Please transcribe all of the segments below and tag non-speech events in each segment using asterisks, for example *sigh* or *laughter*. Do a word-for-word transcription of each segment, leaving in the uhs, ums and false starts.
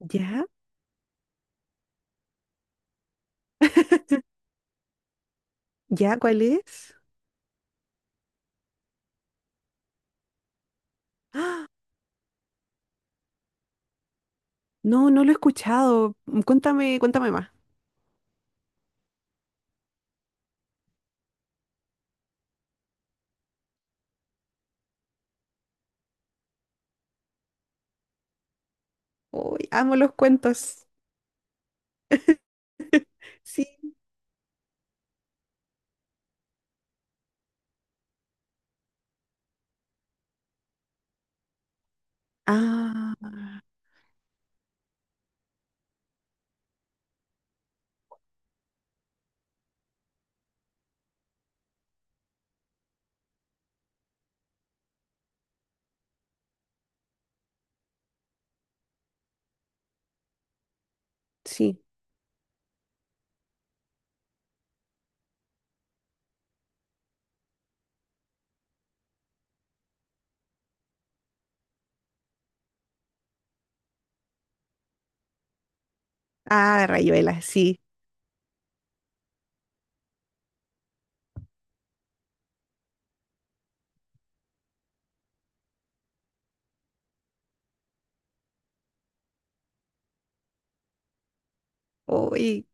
¿Ya? ¿Ya? ¿Cuál es? ¡Ah! No, no lo he escuchado. Mm, cuéntame, cuéntame más. Uy, amo los cuentos. *laughs* Sí. Ah, sí. Ah, Rayuela, sí. Uy,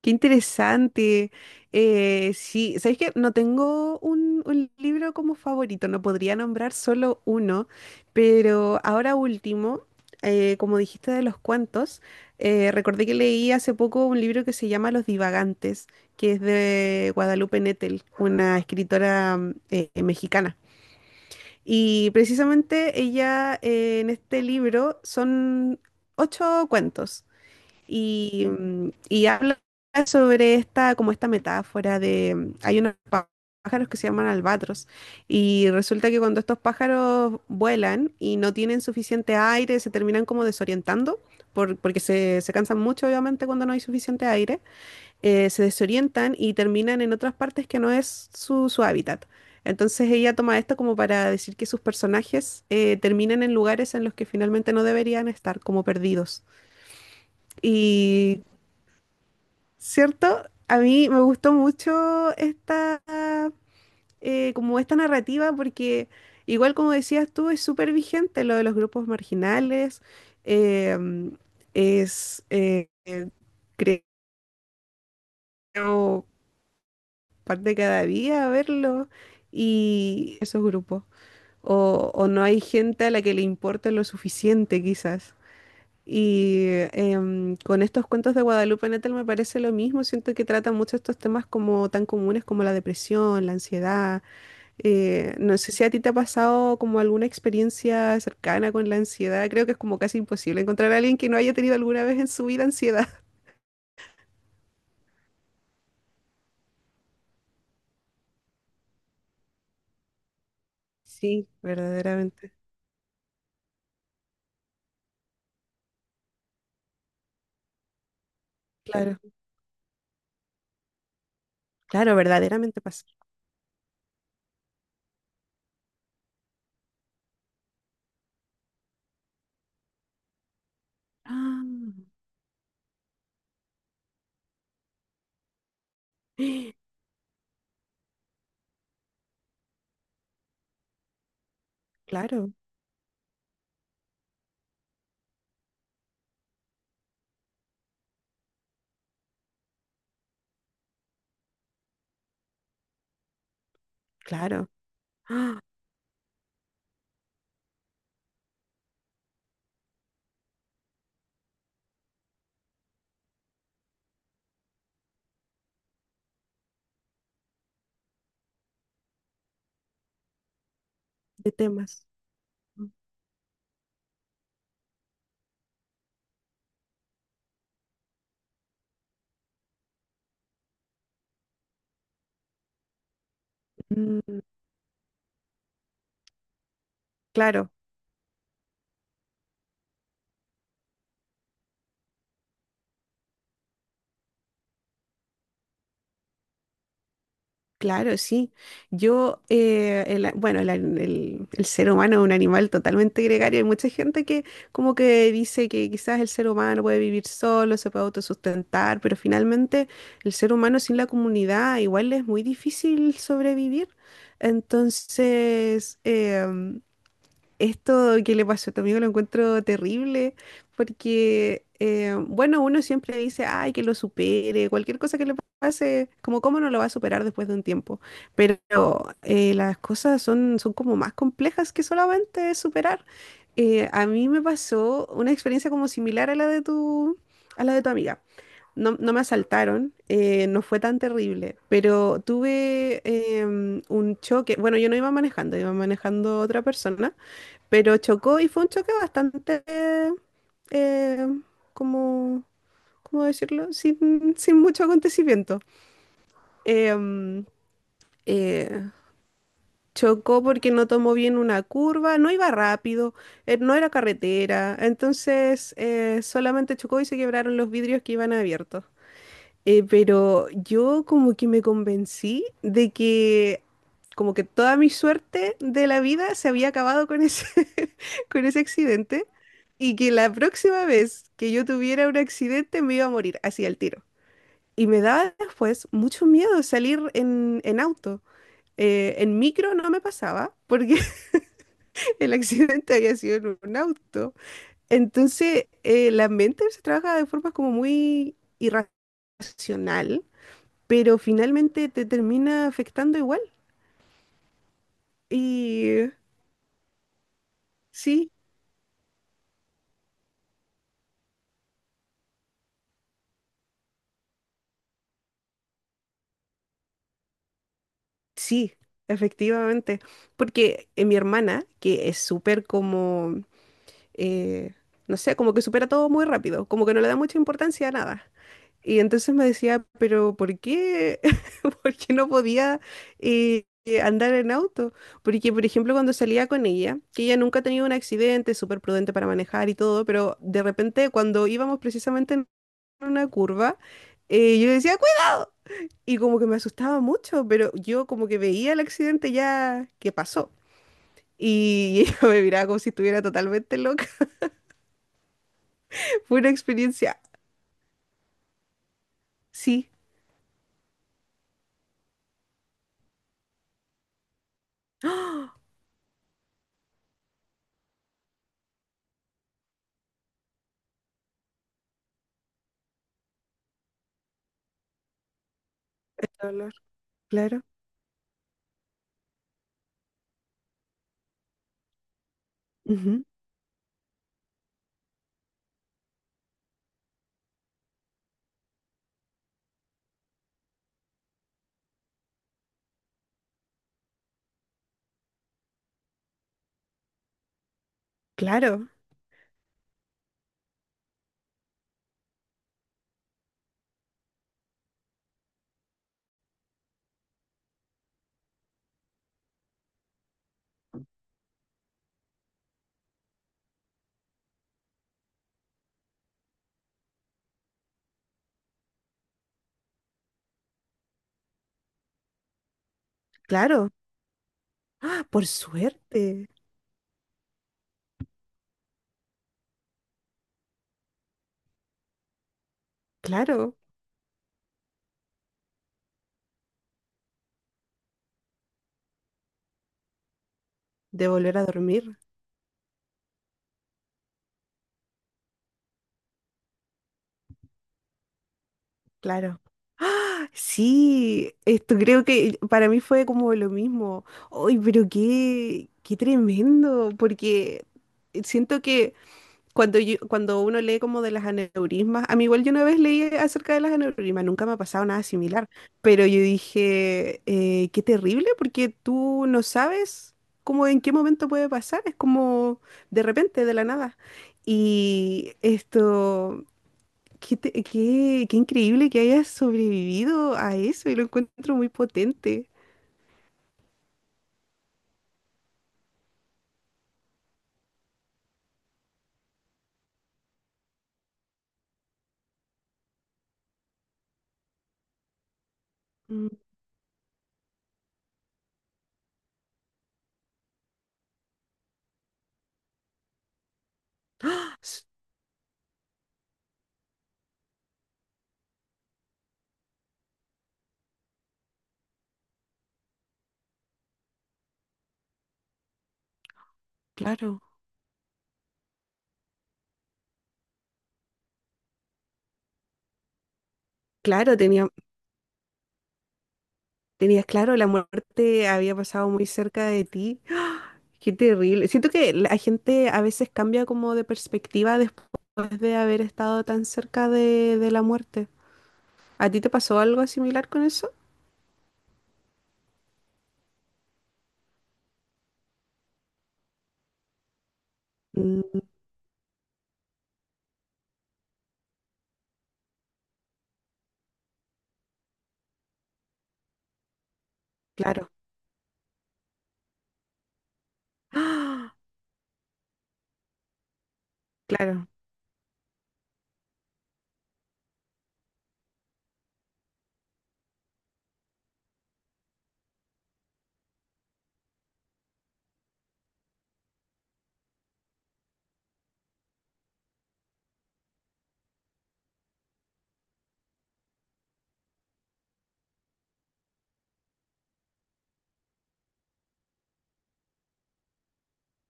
qué interesante. Eh, sí, ¿sabéis que no tengo un, un libro como favorito? No podría nombrar solo uno, pero ahora último, eh, como dijiste de los cuentos, eh, recordé que leí hace poco un libro que se llama Los Divagantes, que es de Guadalupe Nettel, una escritora mm, eh, mexicana. Y precisamente ella eh, en este libro son ocho cuentos y, mm, y habla sobre esta, como esta metáfora de, mm, hay unos pá- pájaros que se llaman albatros, y resulta que cuando estos pájaros vuelan y no tienen suficiente aire, se terminan como desorientando. Por- porque se, se cansan mucho, obviamente, cuando no hay suficiente aire, eh, se desorientan y terminan en otras partes que no es su, su hábitat. Entonces ella toma esto como para decir que sus personajes eh, terminan en lugares en los que finalmente no deberían estar, como perdidos. Y ¿cierto? A mí me gustó mucho esta, eh, como esta narrativa porque, igual como decías tú, es súper vigente lo de los grupos marginales. eh, es, eh, eh, Creo, parte de cada día verlo y esos grupos. O, o no hay gente a la que le importa lo suficiente, quizás. Y em, con estos cuentos de Guadalupe Nettel me parece lo mismo, siento que tratan mucho estos temas como tan comunes como la depresión, la ansiedad. Eh, no sé si a ti te ha pasado como alguna experiencia cercana con la ansiedad. Creo que es como casi imposible encontrar a alguien que no haya tenido alguna vez en su vida ansiedad. *laughs* Sí, verdaderamente. Claro, claro, verdaderamente pasa. Ah, *gasps* claro, claro. Ah, de temas. Mm, claro. Claro, sí. Yo, eh, el a- bueno, el, a- el- el ser humano es un animal totalmente gregario. Hay mucha gente que como que dice que quizás el ser humano puede vivir solo, se puede autosustentar, pero finalmente el ser humano sin la comunidad igual es muy difícil sobrevivir. Entonces, em, esto que le pasó a tu amigo lo encuentro terrible, porque, eh, bueno, uno siempre dice, ay, que lo supere, cualquier cosa que le pase, como cómo no lo va a superar después de un tiempo. Pero eh, las cosas son, son como más complejas que solamente superar. Eh, a mí me pasó una experiencia como similar a la de tu, a la de tu amiga. No, no me asaltaron, eh, no fue tan terrible, pero tuve em, un choque. Bueno, yo no iba manejando, iba manejando otra persona, pero chocó y fue un choque bastante, eh, como, ¿cómo decirlo? Sin, sin mucho acontecimiento. Em, eh, Chocó porque no tomó bien una curva, no iba rápido, eh, no era carretera, entonces eh, solamente chocó y se quebraron los vidrios que iban abiertos. Eh, pero yo como que me convencí de que como que toda mi suerte de la vida se había acabado con ese, *laughs* con ese accidente, y que la próxima vez que yo tuviera un accidente me iba a morir así al tiro. Y me daba después mucho miedo salir en, en auto. Eh, en micro no me pasaba porque *laughs* el accidente había sido en un auto. Entonces eh, la mente se trabaja de forma como muy irracional, pero finalmente te termina afectando igual. Y eh, sí, sí, efectivamente. Porque eh, mi hermana, que es súper como, eh, no sé, como que supera todo muy rápido, como que no le da mucha importancia a nada. Y entonces me decía, pero ¿por qué? *laughs* ¿Por qué no podía eh, eh, andar en auto? Porque, por ejemplo, cuando salía con ella, que ella nunca ha tenido un accidente, súper prudente para manejar y todo, pero de repente cuando íbamos precisamente una curva, eh, yo decía, ¡cuidado! Y como que me asustaba mucho, pero yo como que veía el accidente ya que pasó. Y *laughs* ella me miraba como si estuviera totalmente loca. *laughs* Fue una experiencia, sí. ¡Ah! El dolor, claro. Ujú, claro, claro. ¡Ah! Por suerte, claro. De volver a dormir, claro. ¡Ah! Sí, esto creo que para mí fue como lo mismo. ¡Ay, pero qué, qué tremendo! Porque siento que Cuando, yo- cuando uno lee como de las aneurismas, a mí igual yo una vez leí acerca de las aneurismas, nunca me ha pasado nada similar, pero yo dije, eh, qué terrible, porque tú no sabes cómo en qué momento puede pasar, es como de repente, de la nada. Y esto, qué, te- qué, qué increíble que hayas sobrevivido a eso, y lo encuentro muy potente. Mm, s- claro. Claro, tenía, tenías claro, la muerte había pasado muy cerca de ti. Qué terrible. Siento que la gente a veces cambia como de perspectiva después de haber estado tan cerca de, de la muerte. ¿A ti te pasó algo similar con eso? Mm, claro. *gasps* ¡Ah! Claro,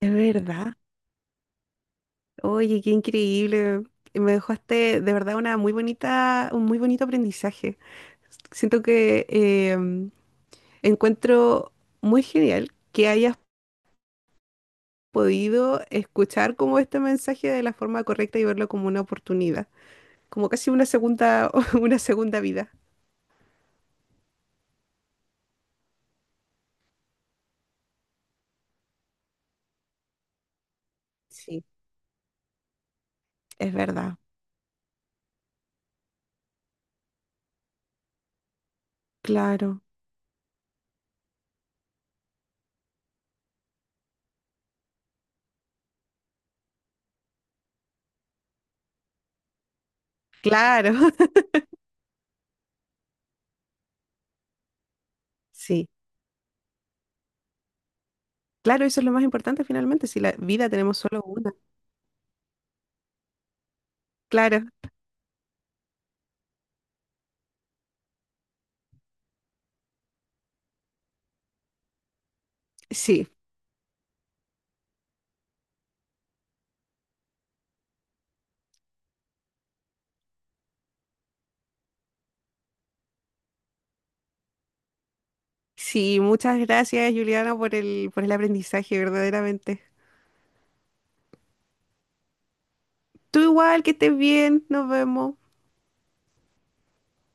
es verdad. Oye, qué increíble. Me dejaste de verdad una muy bonita, un muy bonito aprendizaje. Siento que eh, encuentro muy genial que hayas podido escuchar como este mensaje de la forma correcta y verlo como una oportunidad, como casi una segunda, *laughs* una segunda vida. Sí, es verdad. Claro, claro. *laughs* Sí, claro, eso es lo más importante finalmente, si la vida tenemos solo una. Claro, sí. Sí, muchas gracias, Juliana, por el, por el aprendizaje, verdaderamente. Tú igual, que estés bien, nos vemos.